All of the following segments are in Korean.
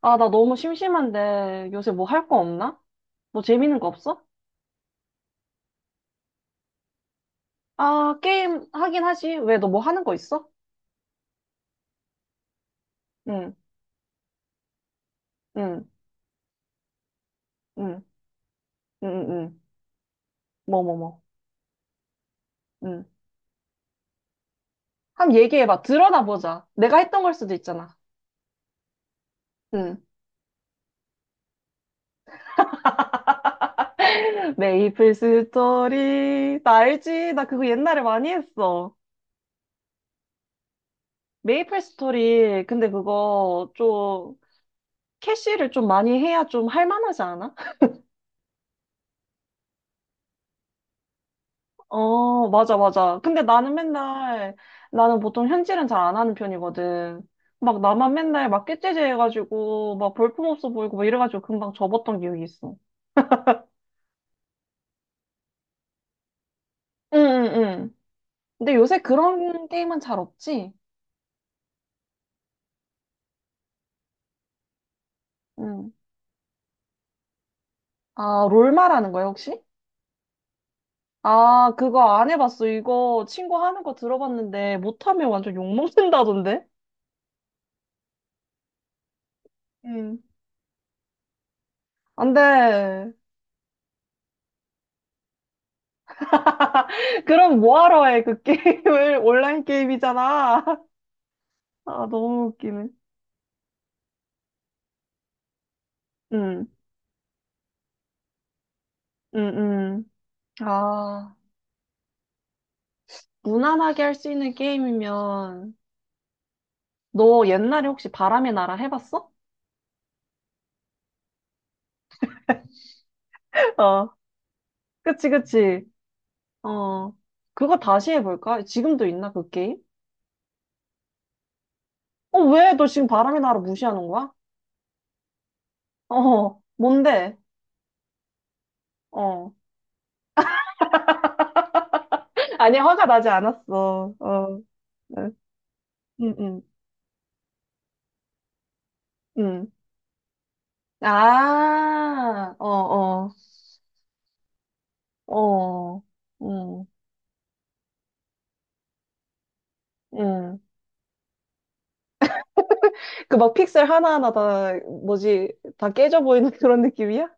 아, 나 너무 심심한데 요새 뭐 할 거 없나? 뭐 재밌는 거 없어? 아, 게임 하긴 하지. 왜 너 뭐 하는 거 있어? 응, 응, 응, 응, 응. 응. 뭐, 뭐, 뭐. 응. 한번 얘기해봐. 드러나 보자. 내가 했던 걸 수도 있잖아. 응. 메이플 스토리. 나 알지? 나 그거 옛날에 많이 했어. 메이플 스토리. 근데 그거 좀 캐시를 좀 많이 해야 좀 할만하지 않아? 어, 맞아, 맞아. 근데 나는 맨날, 나는 보통 현질은 잘 안 하는 편이거든. 막 나만 맨날 막 깨째제 해가지고, 막 볼품없어 보이고, 막 이래가지고 금방 접었던 기억이 있어. 응, 응, 응. 근데 요새 그런 게임은 잘 없지? 응. 아, 롤마라는 거야, 혹시? 아, 그거 안 해봤어. 이거 친구 하는 거 들어봤는데, 못하면 완전 욕먹는다던데? 응. 안 돼. 그럼 뭐하러 해, 그 게임을? 온라인 게임이잖아. 아, 너무 웃기네. 응. 음, 음. 아, 무난하게 할 수 있는 게임이면, 너 옛날에 혹시 바람의 나라 해봤어? 어, 그치, 그치. 어, 그거 다시 해볼까? 지금도 있나, 그 게임? 어, 왜? 너 지금 바람의 나라 무시하는 거야? 어, 뭔데? 어. 아니, 화가 나지 않았어. 어, 응, 응, 응. 아, 어, 어, 어, 응, 응. 그 막 픽셀 하나하나 다, 뭐지, 다 깨져 보이는 그런 느낌이야?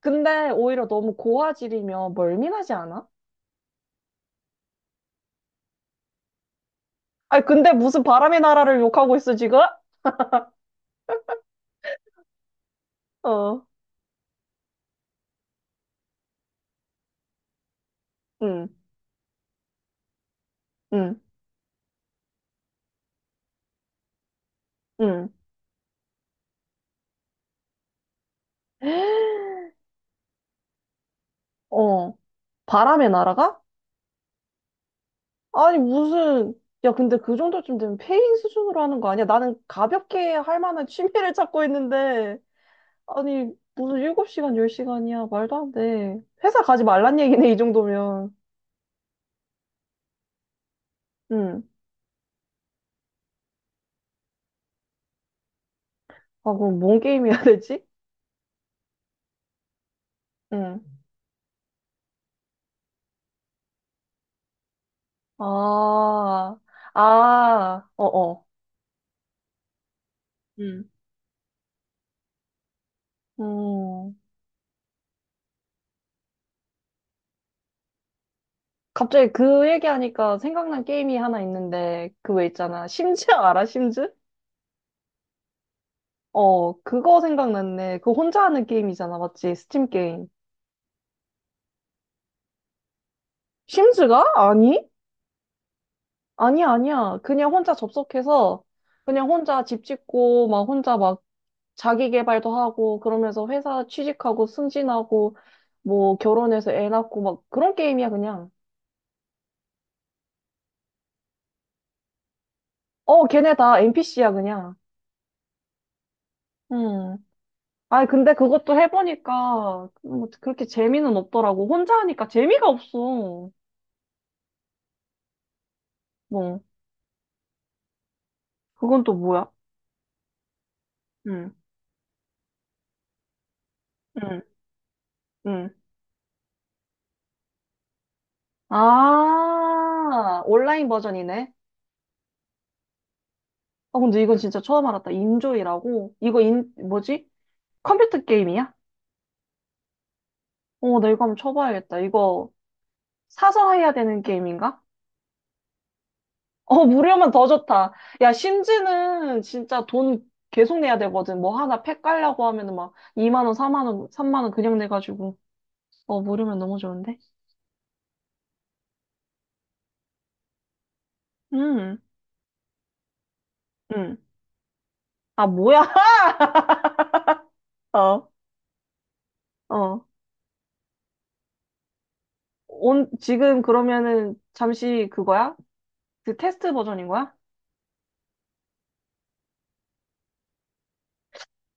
근데 오히려 너무 고화질이면 멀미나지 않아? 아니, 근데 무슨 바람의 나라를 욕하고 있어, 지금? 어, 응, 응, 응. 어, 바람의 나라가? 아니, 무슨, 야, 근데 그 정도쯤 되면 페인 수준으로 하는 거 아니야? 나는 가볍게 할 만한 취미를 찾고 있는데, 아니, 무슨 7시간, 10시간이야? 말도 안 돼. 회사 가지 말란 얘기네, 이 정도면. 응. 아, 그럼 뭔 게임 해야 되지? 응. 아, 아, 어어. 음, 갑자기 그 얘기하니까 생각난 게임이 하나 있는데, 그 왜 있잖아. 심즈 알아, 심즈? 어, 그거 생각났네. 그거 혼자 하는 게임이잖아, 맞지? 스팀 게임. 심즈가? 아니? 아니야, 아니야. 그냥 혼자 접속해서, 그냥 혼자 집 짓고, 막 혼자 막 자기 개발도 하고, 그러면서 회사 취직하고, 승진하고, 뭐 결혼해서 애 낳고, 막 그런 게임이야, 그냥. 어, 걔네 다 NPC야, 그냥. 음. 아니, 근데 그것도 해보니까 뭐 그렇게 재미는 없더라고. 혼자 하니까 재미가 없어. 뭐, 그건 또 뭐야? 응, 응, 응. 아, 온라인 버전이네. 아, 근데 이건 진짜 처음 알았다. 인조이라고? 이거 인, 뭐지? 컴퓨터 게임이야? 어, 나 이거 한번 쳐봐야겠다. 이거 사서 해야 되는 게임인가? 어, 무료면 더 좋다. 야, 심지는 진짜 돈 계속 내야 되거든. 뭐 하나 팩 깔려고 하면은 막 2만 원, 4만 원, 3만 원 그냥 내가지고. 어, 모르면 너무 좋은데? 음, 음. 아, 뭐야? 어, 어. 온, 지금 그러면은 잠시 그거야? 그 테스트 버전인 거야?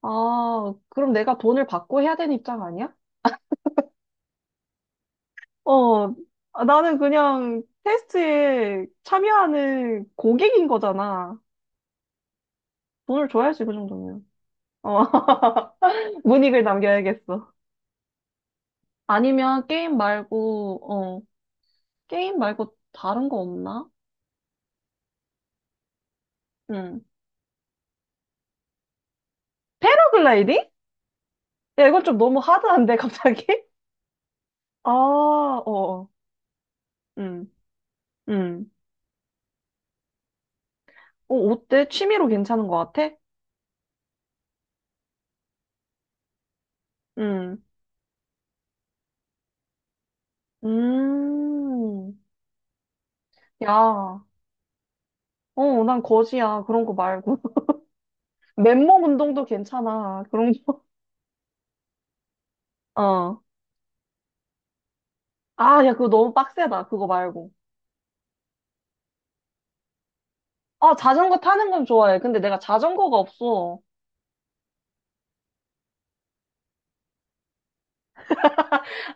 아, 그럼 내가 돈을 받고 해야 되는 입장 아니야? 어, 아, 나는 그냥 테스트에 참여하는 고객인 거잖아. 돈을 줘야지, 그 정도면. 어, 문익을 남겨야겠어. 아니면 게임 말고, 어, 게임 말고 다른 거 없나? 응. 패러글라이딩? 야, 이건 좀 너무 하드한데, 갑자기? 아, 어, 음, 음. 어, 어때? 취미로 괜찮은 것 같아? 음, 음. 야, 어, 난 거지야. 그런 거 말고. 맨몸 운동도 괜찮아. 그런 거. 어. 아, 야, 그거 너무 빡세다. 그거 말고. 아, 자전거 타는 건 좋아해. 근데 내가 자전거가 없어.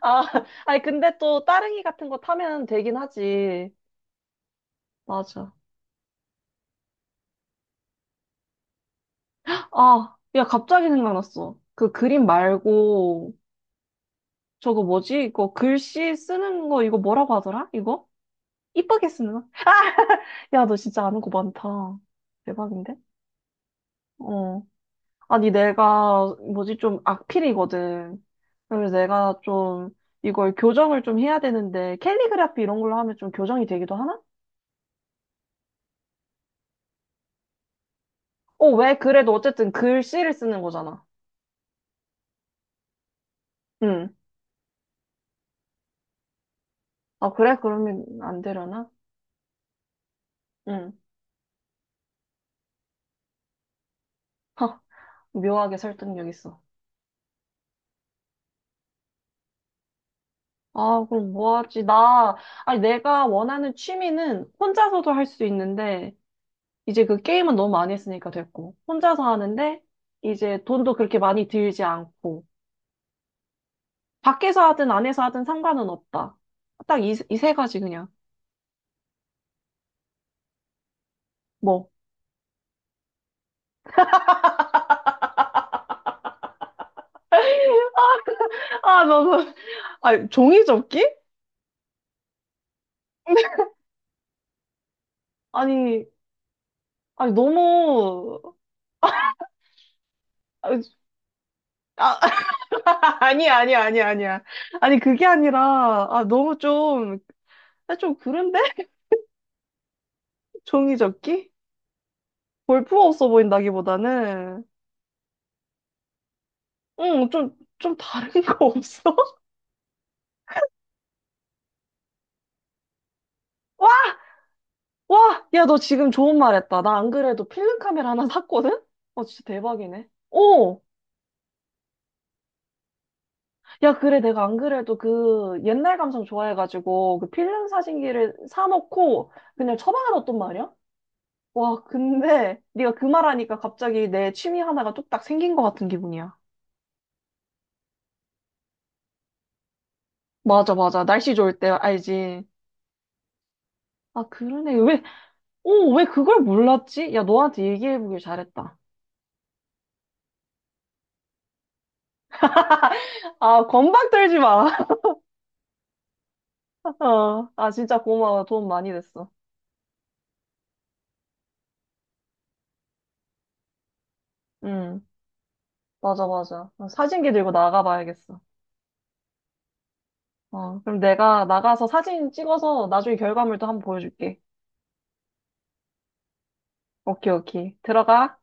아, 아니, 근데 또 따릉이 같은 거 타면 되긴 하지. 맞아. 아, 야, 갑자기 생각났어. 그 그림 말고, 저거 뭐지? 이거 글씨 쓰는 거 이거 뭐라고 하더라? 이거? 이쁘게 쓰는 거? 야, 너 진짜 아는 거 많다. 대박인데? 어. 아니, 내가 뭐지? 좀 악필이거든. 그래서 내가 좀 이걸 교정을 좀 해야 되는데 캘리그라피 이런 걸로 하면 좀 교정이 되기도 하나? 어, 왜? 그래도 어쨌든 글씨를 쓰는 거잖아. 응. 아, 그래? 그러면 안 되려나? 응. 하, 묘하게 설득력 있어. 아, 그럼 뭐 하지? 나, 아니, 내가 원하는 취미는 혼자서도 할 수 있는데, 이제 그 게임은 너무 많이 했으니까 됐고, 혼자서 하는데, 이제 돈도 그렇게 많이 들지 않고, 밖에서 하든 안에서 하든 상관은 없다. 딱 이, 이 세 가지 그냥. 뭐. 아, 나, 나, 아니, 종이접기? 아니, 아니, 너무, 아니, 아, 아니야, 아니야, 아니야, 아니야. 아니, 그게 아니라, 아, 너무 좀, 아, 좀 그런데? 종이접기? 골프 없어 보인다기보다는, 응, 좀, 좀 다른 거 없어? 와, 와! 야, 너 지금 좋은 말 했다. 나 안 그래도 필름 카메라 하나 샀거든? 어, 진짜 대박이네. 오! 야, 그래. 내가 안 그래도 그 옛날 감성 좋아해가지고 그 필름 사진기를 사놓고 그냥 처방에 뒀단 말이야? 와, 근데 네가 그 말하니까 갑자기 내 취미 하나가 뚝딱 생긴 것 같은 기분이야. 맞아, 맞아. 날씨 좋을 때 알지. 아, 그러네. 왜, 오, 왜 그걸 몰랐지? 야, 너한테 얘기해보길 잘했다. 아, 건방 떨지 마. 어. 아, 진짜 고마워. 도움 많이 됐어. 응, 맞아, 맞아. 어, 사진기 들고 나가봐야겠어. 어, 그럼 내가 나가서 사진 찍어서 나중에 결과물도 한번 보여줄게. 오케이, 오케이. 들어가.